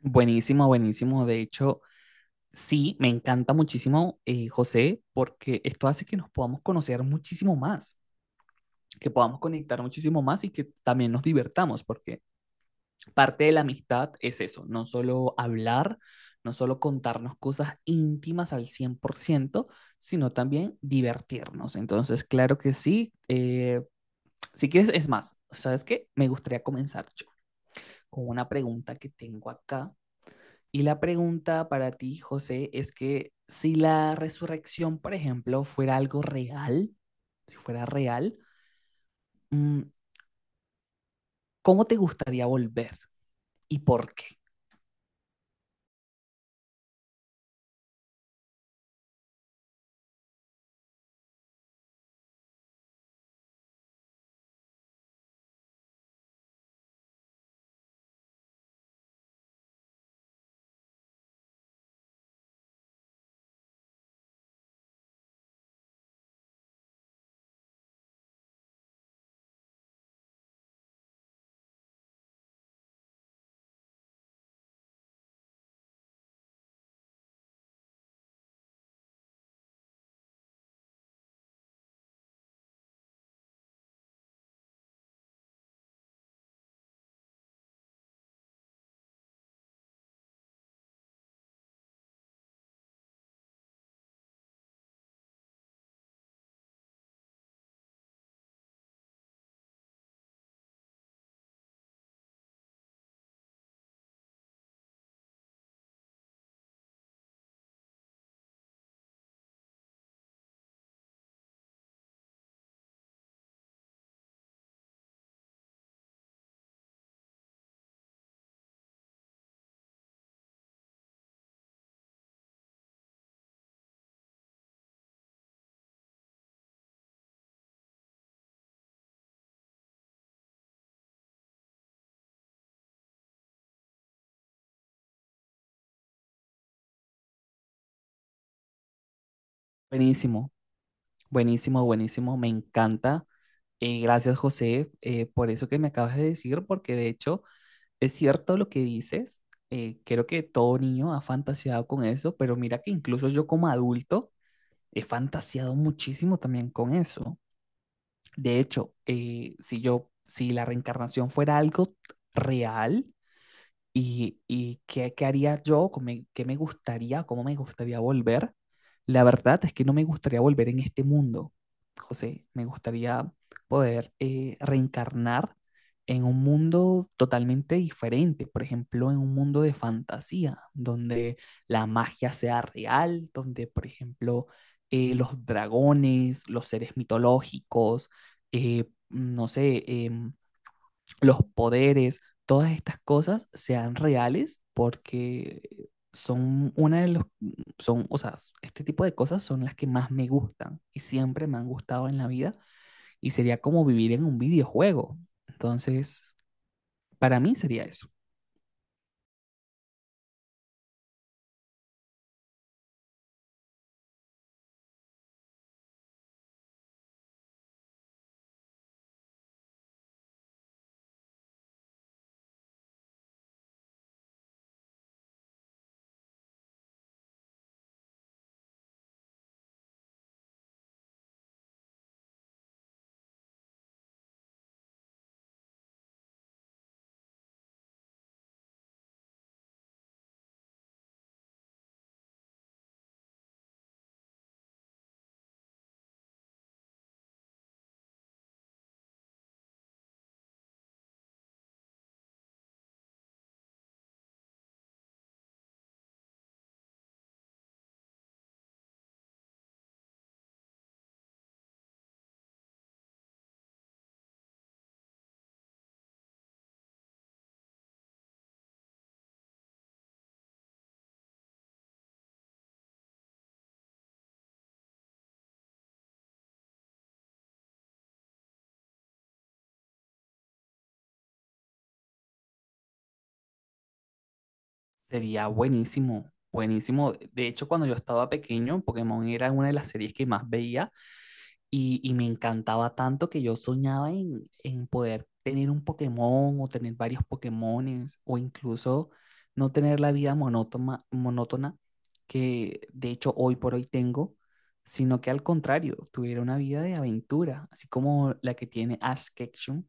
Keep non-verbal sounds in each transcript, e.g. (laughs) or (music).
Buenísimo, buenísimo. De hecho, sí, me encanta muchísimo, José, porque esto hace que nos podamos conocer muchísimo más, que podamos conectar muchísimo más y que también nos divertamos, porque parte de la amistad es eso, no solo hablar, no solo contarnos cosas íntimas al 100% sino también divertirnos. Entonces, claro que sí. Si quieres, es más, ¿sabes qué? Me gustaría comenzar yo con una pregunta que tengo acá. Y la pregunta para ti, José, es que si la resurrección, por ejemplo, fuera algo real, si fuera real, mm, ¿cómo te gustaría volver y por qué? Buenísimo, buenísimo, buenísimo, me encanta. Gracias, José, por eso que me acabas de decir, porque de hecho es cierto lo que dices. Creo que todo niño ha fantaseado con eso, pero mira que incluso yo como adulto he fantaseado muchísimo también con eso. De hecho, si la reencarnación fuera algo real, y qué haría yo, ¿ qué me gustaría, cómo me gustaría volver? La verdad es que no me gustaría volver en este mundo, José. Me gustaría poder reencarnar en un mundo totalmente diferente, por ejemplo, en un mundo de fantasía, donde la magia sea real, donde, por ejemplo, los dragones, los seres mitológicos, no sé, los poderes, todas estas cosas sean reales porque son una de los, son, o sea, este tipo de cosas son las que más me gustan y siempre me han gustado en la vida y sería como vivir en un videojuego. Entonces, para mí sería eso. Sería buenísimo, buenísimo. De hecho, cuando yo estaba pequeño, Pokémon era una de las series que más veía. Y me encantaba tanto que yo soñaba en poder tener un Pokémon o tener varios Pokémones o incluso no tener la vida monótona, monótona que de hecho hoy por hoy tengo, sino que al contrario, tuviera una vida de aventura, así como la que tiene Ash Ketchum,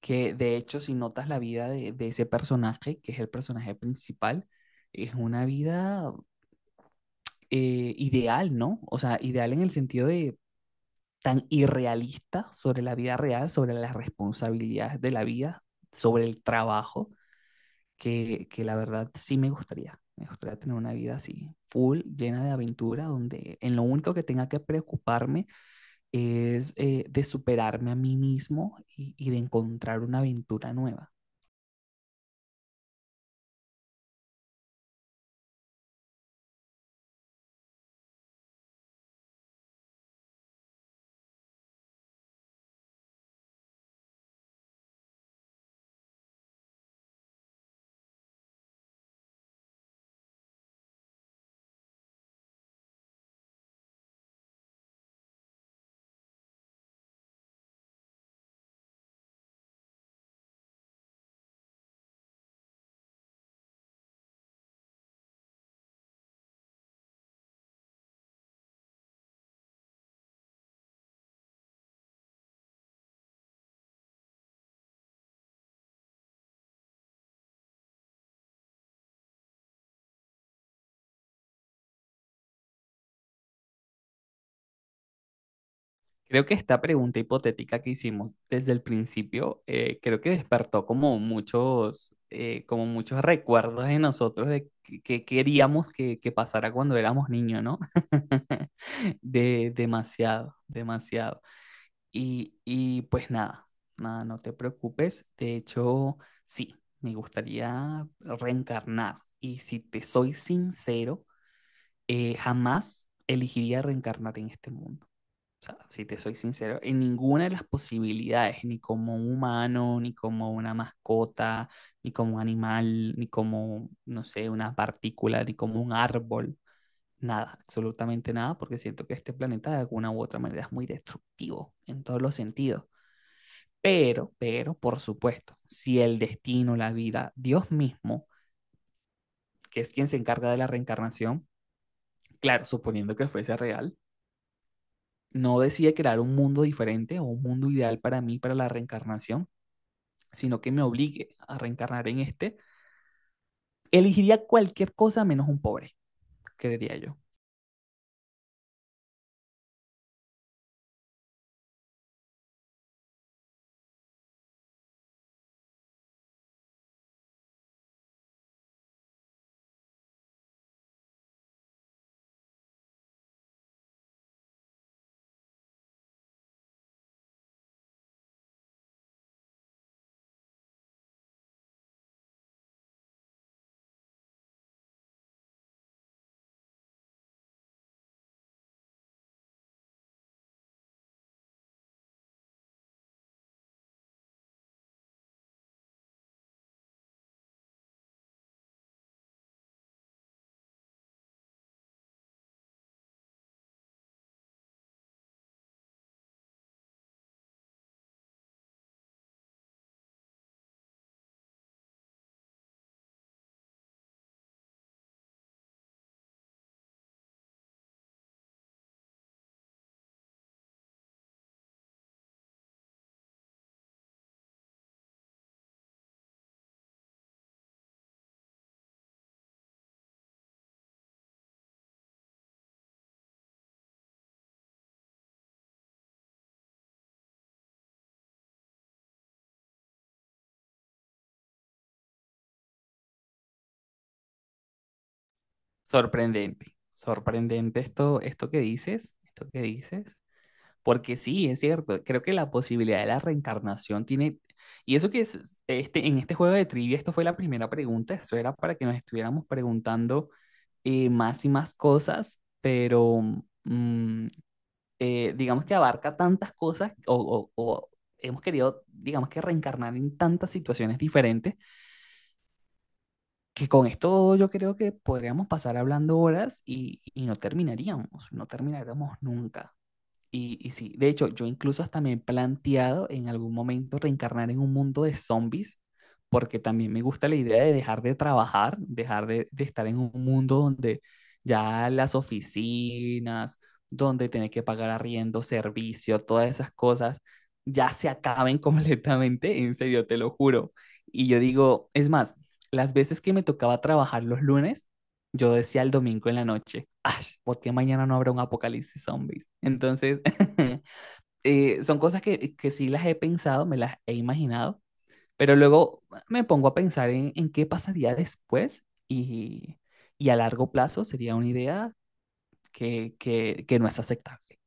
que de hecho si notas la vida de ese personaje, que es el personaje principal, es una vida ideal, ¿no? O sea, ideal en el sentido de tan irrealista sobre la vida real, sobre las responsabilidades de la vida, sobre el trabajo, que la verdad sí me gustaría. Me gustaría tener una vida así, full, llena de aventura, donde en lo único que tenga que preocuparme es de superarme a mí mismo y de encontrar una aventura nueva. Creo que esta pregunta hipotética que hicimos desde el principio, creo que despertó como muchos recuerdos de nosotros de que queríamos que pasara cuando éramos niños, ¿no? (laughs) Demasiado, demasiado. Y pues nada, nada, no te preocupes. De hecho, sí, me gustaría reencarnar. Y si te soy sincero, jamás elegiría reencarnar en este mundo. O sea, si te soy sincero, en ninguna de las posibilidades, ni como un humano, ni como una mascota, ni como un animal, ni como, no sé, una partícula, ni como un árbol, nada, absolutamente nada, porque siento que este planeta de alguna u otra manera es muy destructivo en todos los sentidos. Pero, por supuesto, si el destino, la vida, Dios mismo, que es quien se encarga de la reencarnación, claro, suponiendo que fuese real, no decide crear un mundo diferente o un mundo ideal para mí, para la reencarnación, sino que me obligue a reencarnar en este, elegiría cualquier cosa menos un pobre, creería yo. Sorprendente, sorprendente esto que dices, porque sí, es cierto, creo que la posibilidad de la reencarnación tiene, y eso que es, en este juego de trivia, esto fue la primera pregunta, eso era para que nos estuviéramos preguntando más y más cosas, pero, mm, digamos que abarca tantas cosas o hemos querido, digamos que reencarnar en tantas situaciones diferentes, que con esto yo creo que podríamos pasar hablando horas y no terminaríamos, no terminaríamos nunca. Y sí, de hecho, yo incluso hasta me he planteado en algún momento reencarnar en un mundo de zombies, porque también me gusta la idea de dejar de trabajar, dejar de estar en un mundo donde ya las oficinas, donde tener que pagar arriendo, servicio, todas esas cosas, ya se acaben (laughs) completamente, en serio, te lo juro. Y yo digo, es más, las veces que me tocaba trabajar los lunes, yo decía el domingo en la noche, "Ay, ¿por qué mañana no habrá un apocalipsis zombies?" Entonces, (laughs) son cosas que sí las he pensado, me las he imaginado, pero luego me pongo a pensar en qué pasaría después y a largo plazo sería una idea que no es aceptable.